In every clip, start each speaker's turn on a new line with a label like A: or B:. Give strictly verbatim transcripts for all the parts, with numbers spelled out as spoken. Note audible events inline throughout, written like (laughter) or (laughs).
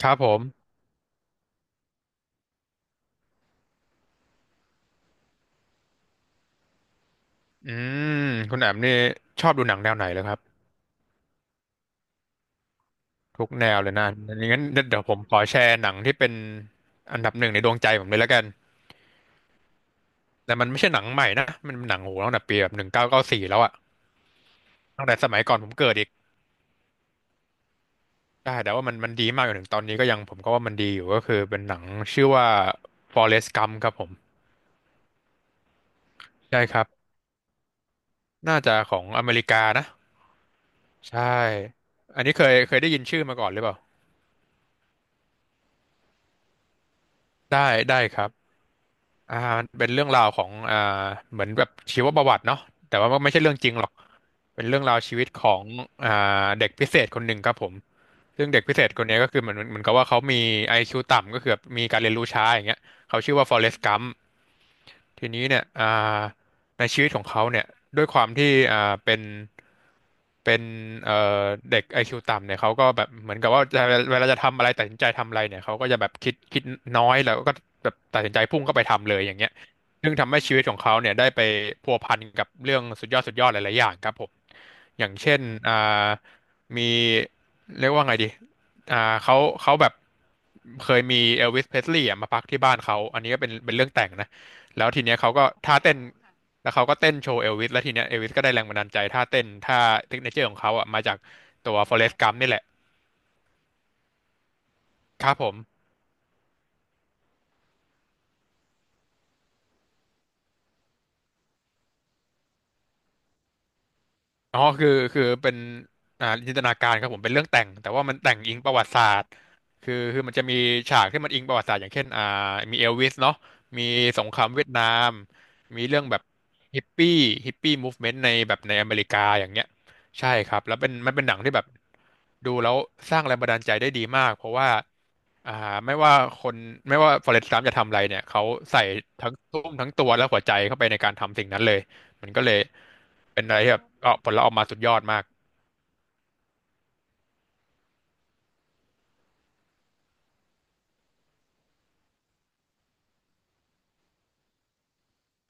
A: ครับผมอืมคุณแอมนี่ชอบดูหนังแนวไหนเลยครับทุกแนวเลยนะงั้นเดี๋ยวผมขอแชร์หนังที่เป็นอันดับหนึ่งในดวงใจผมเลยแล้วกันแต่มันไม่ใช่หนังใหม่นะ มันเป็นหนังโหตั้งแต่ปีแบบหนึ่งเก้าเก้าสี่แล้วอะตั้งแต่สมัยก่อนผมเกิดอีกได้แต่ว่ามันมันดีมากจนถึงตอนนี้ก็ยังผมก็ว่ามันดีอยู่ก็คือเป็นหนังชื่อว่า Forrest Gump ครับผม ใช่ครับ น่าจะของอเมริกานะใช่อันนี้เคยเคยได้ยินชื่อมาก่อนหรือเปล่าได้ได้ครับ อ่ามันเป็นเรื่องราวของอ่าเหมือนแบบชีวประวัติเนาะแต่ว่ามันไม่ใช่เรื่องจริงหรอก เป็นเรื่องราวชีวิตของอ่าเด็กพิเศษคนหนึ่งครับผมซึ่งเด็กพิเศษคนเนี้ยก็คือเหมือนเหมือนกับว่าเขามี ไอ คิว ต่ำก็คือแบบมีการเรียนรู้ช้าอย่างเงี้ยเขาชื่อว่าฟอเรสต์กัม ทีนี้เนี่ยอ่าในชีวิตของเขาเนี่ยด้วยความที่อ่าเป็นเป็นเอ่อเด็ก ไอ คิว ต่ำเนี่ยเขาก็แบบเหมือนกับว่าจะเวลาจะทำอะไรตัดสินใจทำอะไรเนี่ยเขาก็จะแบบคิดคิดน้อยแล้วก็แบบตัดสินใจพุ่งเข้าไปทำเลยอย่างเงี้ยซึ่งทำให้ชีวิตของเขาเนี่ยได้ไปพัวพันกับเรื่องสุดยอดสุดยอดหลายๆอย่างครับผมอย่างเช่นอ่ามีเรียกว่าไงดีอ่าเขาเขาแบบเคยมีเอลวิสเพสลีย์มาพักที่บ้านเขา อันนี้ก็เป็นเป็นเรื่องแต่งนะ แล้วทีเนี้ยเขาก็ท่าเต้นแล้วเขาก็เต้นโชว์เอลวิสแล้วทีเนี้ยเอลวิสก็ได้แรงบันดาลใจท่าเต้นท่าเทคเนเจอร์ของเขาอ่ะมาจากตัวฟอเ e ส t g กัมนี่แหละครับผมอ๋อคือคือเป็นอ่าจินตนาการครับผมเป็นเรื่องแต่งแต่ว่ามันแต่งอิงประวัติศาสตร์คือคือมันจะมีฉากที่มันอิงประวัติศาสตร์อย่างเช่นอ่ามีเอลวิสเนาะมีสงครามเวียดนามมีเรื่องแบบฮิปปี้ฮิปปี้มูฟเมนต์ในแบบในอเมริกาอย่างเงี้ยใช่ครับแล้วเป็นมันเป็นหนังที่แบบดูแล้วสร้างแรงบันดาลใจได้ดีมากเพราะว่า อ่าไม่ว่าคนไม่ว่าฟอเรสต์กัมจะทำอะไรเนี่ยเขาใส่ทั้งทุ่มทั้งตัวและหัวใจเข้าไปในการทำสิ่งนั้นเลยมันก็เลยเป็นอะไรที่แบบเออผลลัพธ์ออกมาสุดยอดมาก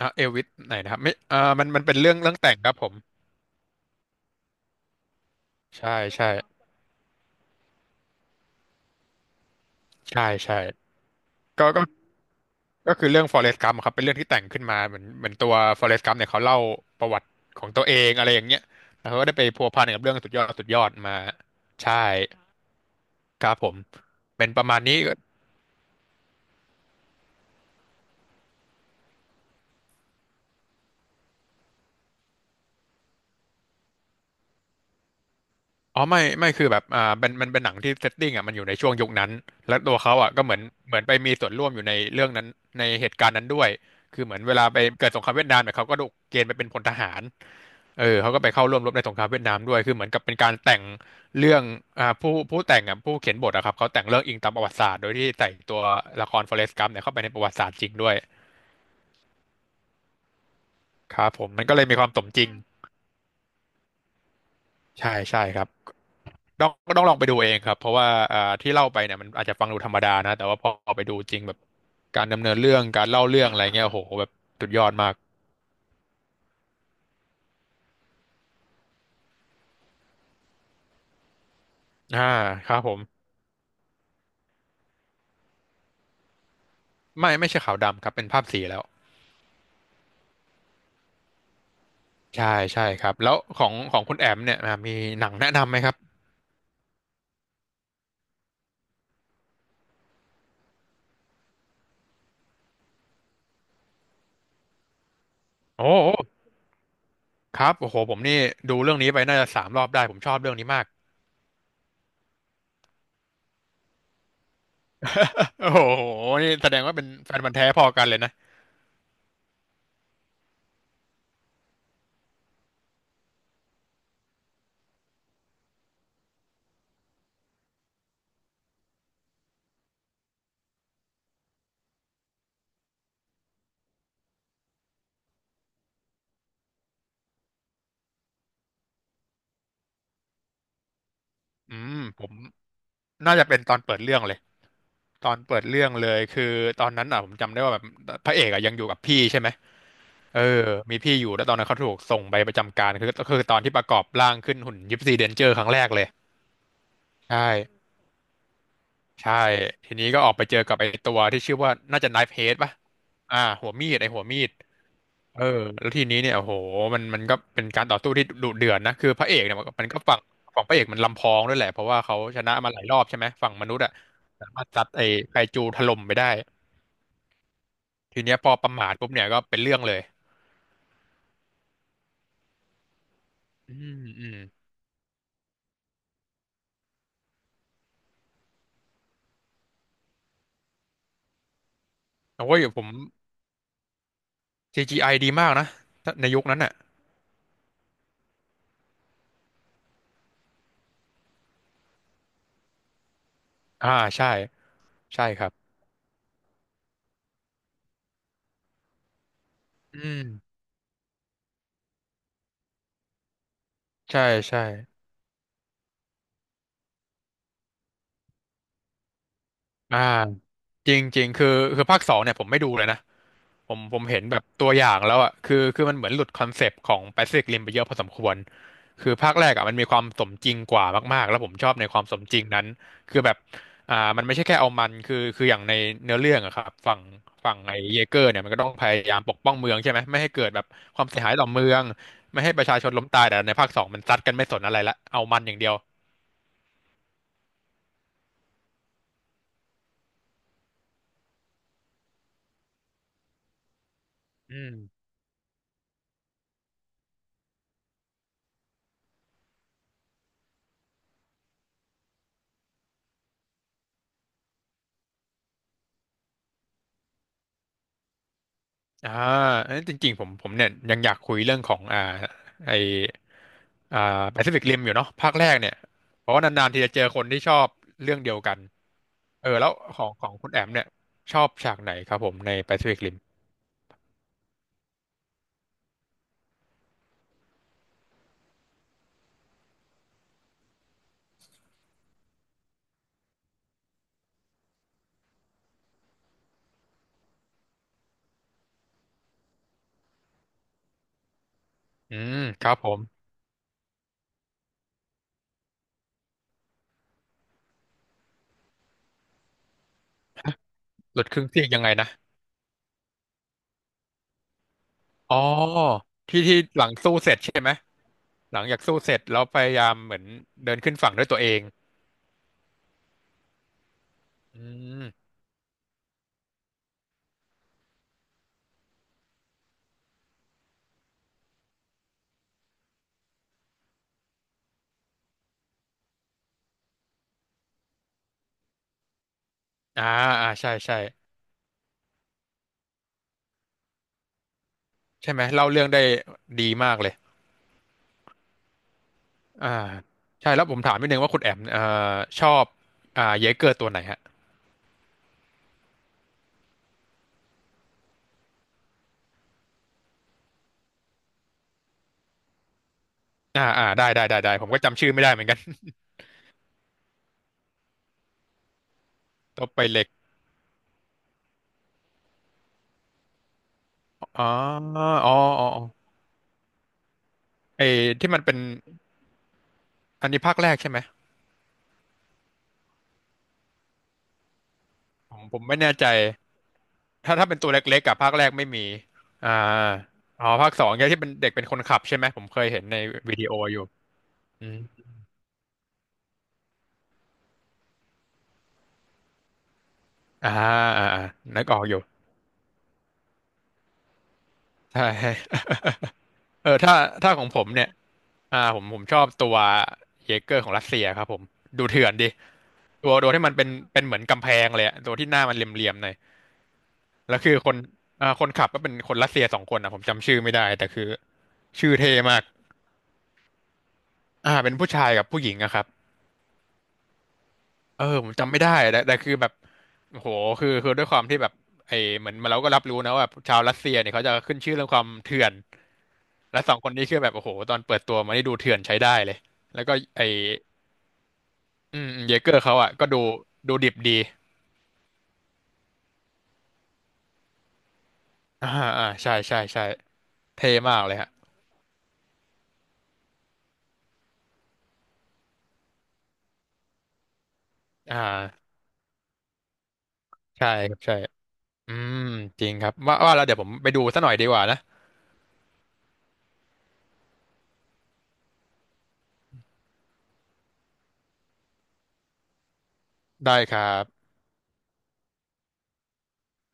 A: อ่ะเอลวิสไหนนะครับไม่เอ่ามันมันเป็นเรื่องเรื่องแต่งครับผมใช่ใช่ใช่ใช่ก็ก็ก็คือเรื่องฟอเรสต์กัมครับเป็นเรื่องที่แต่งขึ้นมาเหมือนเหมือนตัวฟอเรสต์กัมเนี่ยเขาเล่าประวัติของตัวเองอะไรอย่างเงี้ยแล้วเขาก็ได้ไปพัวพันกับเรื่องสุดยอดสุดยอดมาใช่ครับผมเป็นประมาณนี้ อ๋อไม่ไม่คือแบบอ่ามันมันเป็นหนังที่เซตติ้งอ่ะมันอยู่ในช่วงยุคนั้นและตัวเขาอ่ะก็เหมือนเหมือนไปมีส่วนร่วมอยู่ในเรื่องนั้นในเหตุการณ์นั้นด้วยคือเหมือนเวลาไปเกิดสงครามเวียดนามเนี่ยเขาก็ถูกเกณฑ์ไปเป็นพลทหารเออเขาก็ไปเข้าร่วมรบในสงครามเวียดนามด้วยคือเหมือนกับเป็นการแต่งเรื่องอ่าผู้ผู้แต่งอ่ะผู้เขียนบทอะครับเขาแต่งเรื่องอิงตามประวัติศาสตร์โดยที่ใส่ตัวละครฟเรสกัมเนี่ยเข้าไปในประวัติศาสตร์จริงด้วยครับผมมันก็เลยมีความสมจริงใช่ใช่ครับ ต้องต้องลองไปดูเองครับเพราะว่าอ่าที่เล่าไปเนี่ยมันอาจจะฟังดูธรรมดานะแต่ว่าพอเอาไปดูจริงแบบการดำเนินเรื่องการเล่าเรื่องอะไรเงี้ยโอ้โหแบบสุดยอดมากอ่าครับผมไม่ไม่ใช่ขาวดำครับเป็นภาพสีแล้วใช่ใช่ครับแล้วของของคุณแอมเนี่ยอ่ามีหนังแนะนำไหมครับโอ้โหครับโอ้โหผมนี่ดูเรื่องนี้ไปน่าจะสามรอบได้ผมชอบเรื่องนี้มากโอ้โหนี่แสดงว่าเป็นแฟนพันธุ์แท้พอกันเลยนะอืมผมน่าจะเป็นตอนเปิดเรื่องเลย ตอนเปิดเรื่องเลยคือตอนนั้นอ่ะผมจำได้ว่าแบบพระเอกอ่ะยังอยู่กับพี่ใช่ไหมเออมีพี่อยู่แล้วตอนนั้นเขาถูกส่งไปประจำการคือก็คือตอนที่ประกอบร่างขึ้นหุ่นยิปซีเดนเจอร์ครั้งแรกเลยใช่ใช่ทีนี้ก็ออกไปเจอกับไอ้ตัวที่ชื่อว่าน่าจะไนฟ์เฮดป่ะอ่าหัวมีดไอ้หัวมีดเออแล้วทีนี้เนี่ยโอ้โหมันมันก็เป็นการต่อสู้ที่ดุเดือดนะคือพระเอกเนี่ยมันก็มันก็ฝั่งฝั่งพระเอกมันลำพองด้วยแหละเพราะว่าเขาชนะมาหลายรอบใช่ไหมฝั่งมนุษย์อะสามารถซัดไอ้ไคจูถล่มไปได้ ทีเนี้ยพอประมาทปุ๊บเนี่ยก็เป็นเรื่องเลยอืมอืมโอ้ยผม ซี จี ไอ ดีมากนะ ในยุคนั้นอ่ะ อ่าใช่ ใช่ครับ อืม ใช่ใช่อ่าจริงจริงคือ คือภาคสองเนี่ยผมไม่ดูเลยนะ ผมผมเห็นแบบตัวอย่างแล้วอ่ะคือคือมันเหมือนหลุดคอนเซปต์ของ Pacific Rim ไปเยอะพอสมควรคือภาคแรกอ่ะมันมีความสมจริงกว่ามากๆแล้วผมชอบในความสมจริงนั้นคือแบบอ่ามันไม่ใช่แค่เอามันคือคืออย่างในเนื้อเรื่องอะครับฝั่งฝั่งไอ้เยเกอร์เนี่ยมันก็ต้องพยายามปกป้องเมืองใช่ไหมไม่ให้เกิดแบบความเสียหายต่อเมืองไม่ให้ประชาชนล้มตายแต่ในภาคสองมันซัดกันไม่สนอะไรละเอามันอย่างเดียวอืมอ่าเอ้ยจริงๆผมผมเนี่ยยังอยากคุยเรื่องของอ่าไอ อ่าแปซิฟิกริมอยู่เนาะภาคแรกเนี่ยเพราะว่านานๆทีจะเจอคนที่ชอบเรื่องเดียวกันเออแล้วของของคุณแอมเนี่ยชอบฉากไหนครับผมในแปซิฟิกริมอืมครับผมหลุดครึ่งซีกยังไงนะอ๋อที่ที่หลังสู้เสร็จใช่ไหมหลังจากสู้เสร็จแล้วพยายามเหมือนเดินขึ้นฝั่งด้วยตัวเองอืมอ่าอ่าใช่ใช่ใช่ไหมเล่าเรื่องได้ดีมากเลยอ่าใช่แล้วผมถามนิดนึงว่าคุณแอมเอ่อชอบอ่าเยเกอร์ตัวไหนฮะอ่าอ่าได้ได้ได้ได้ผมก็จำชื่อไม่ได้เหมือนกัน ตัวไปเหล็กอ๋ออ๋ออ๋ออ๋อไอ้ที่มันเป็น อันนี้ภาคแรกใช่ไหมผมผมไม่แน่ใจถ้าถ้าเป็นตัวเล็กๆกับภาคแรกไม่มีอ่าอ๋อภาคสองเนี่ยที่เป็นเด็กเป็นคนขับใช่ไหมผมเคยเห็นในวิดีโออยู่อืมอ่าอ่าอ่านึกออกอยู่ใช่ (laughs) เออถ้าถ้าของผมเนี่ยอ่าผมผมชอบตัวเยเกอร์ของรัสเซียครับผม ดูเถื่อนดิ ตัวตัวที่มันเป็นเป็นเหมือนกำแพงเลยอะตัวที่หน้ามันเหลี่ยมๆหน่อย แล้วคือคนอ่าคนขับก็เป็นคนรัสเซียสองคนนะผมจำชื่อไม่ได้แต่คือชื่อเท่มากอ่าเป็นผู้ชายกับผู้หญิงอะครับเออผมจำไม่ได้แต่แต่คือแบบโอ้โหคือคือด้วยความที่แบบไอเหมือนเราก็รับรู้นะว่าแบบชาวรัสเซียเนี่ยเขาจะขึ้นชื่อเรื่องความเถื่อนและสองคนนี้คือแบบโอ้โหตอนเปิดตัวมานี่ดูเถื่อนใช้ได้เลยแล้วก็ไออืมเยเกอร์เขาอะก็ดูดูดิบดีอ่าอ่าใช่ใช่ใช่เท่มากเลยฮะอ่าใช่ครับใช่ อืมจริงครับว่าว่าแล้วเดี๋ยวผมไปดูซะหน่อยดีกว่านะได้ครับ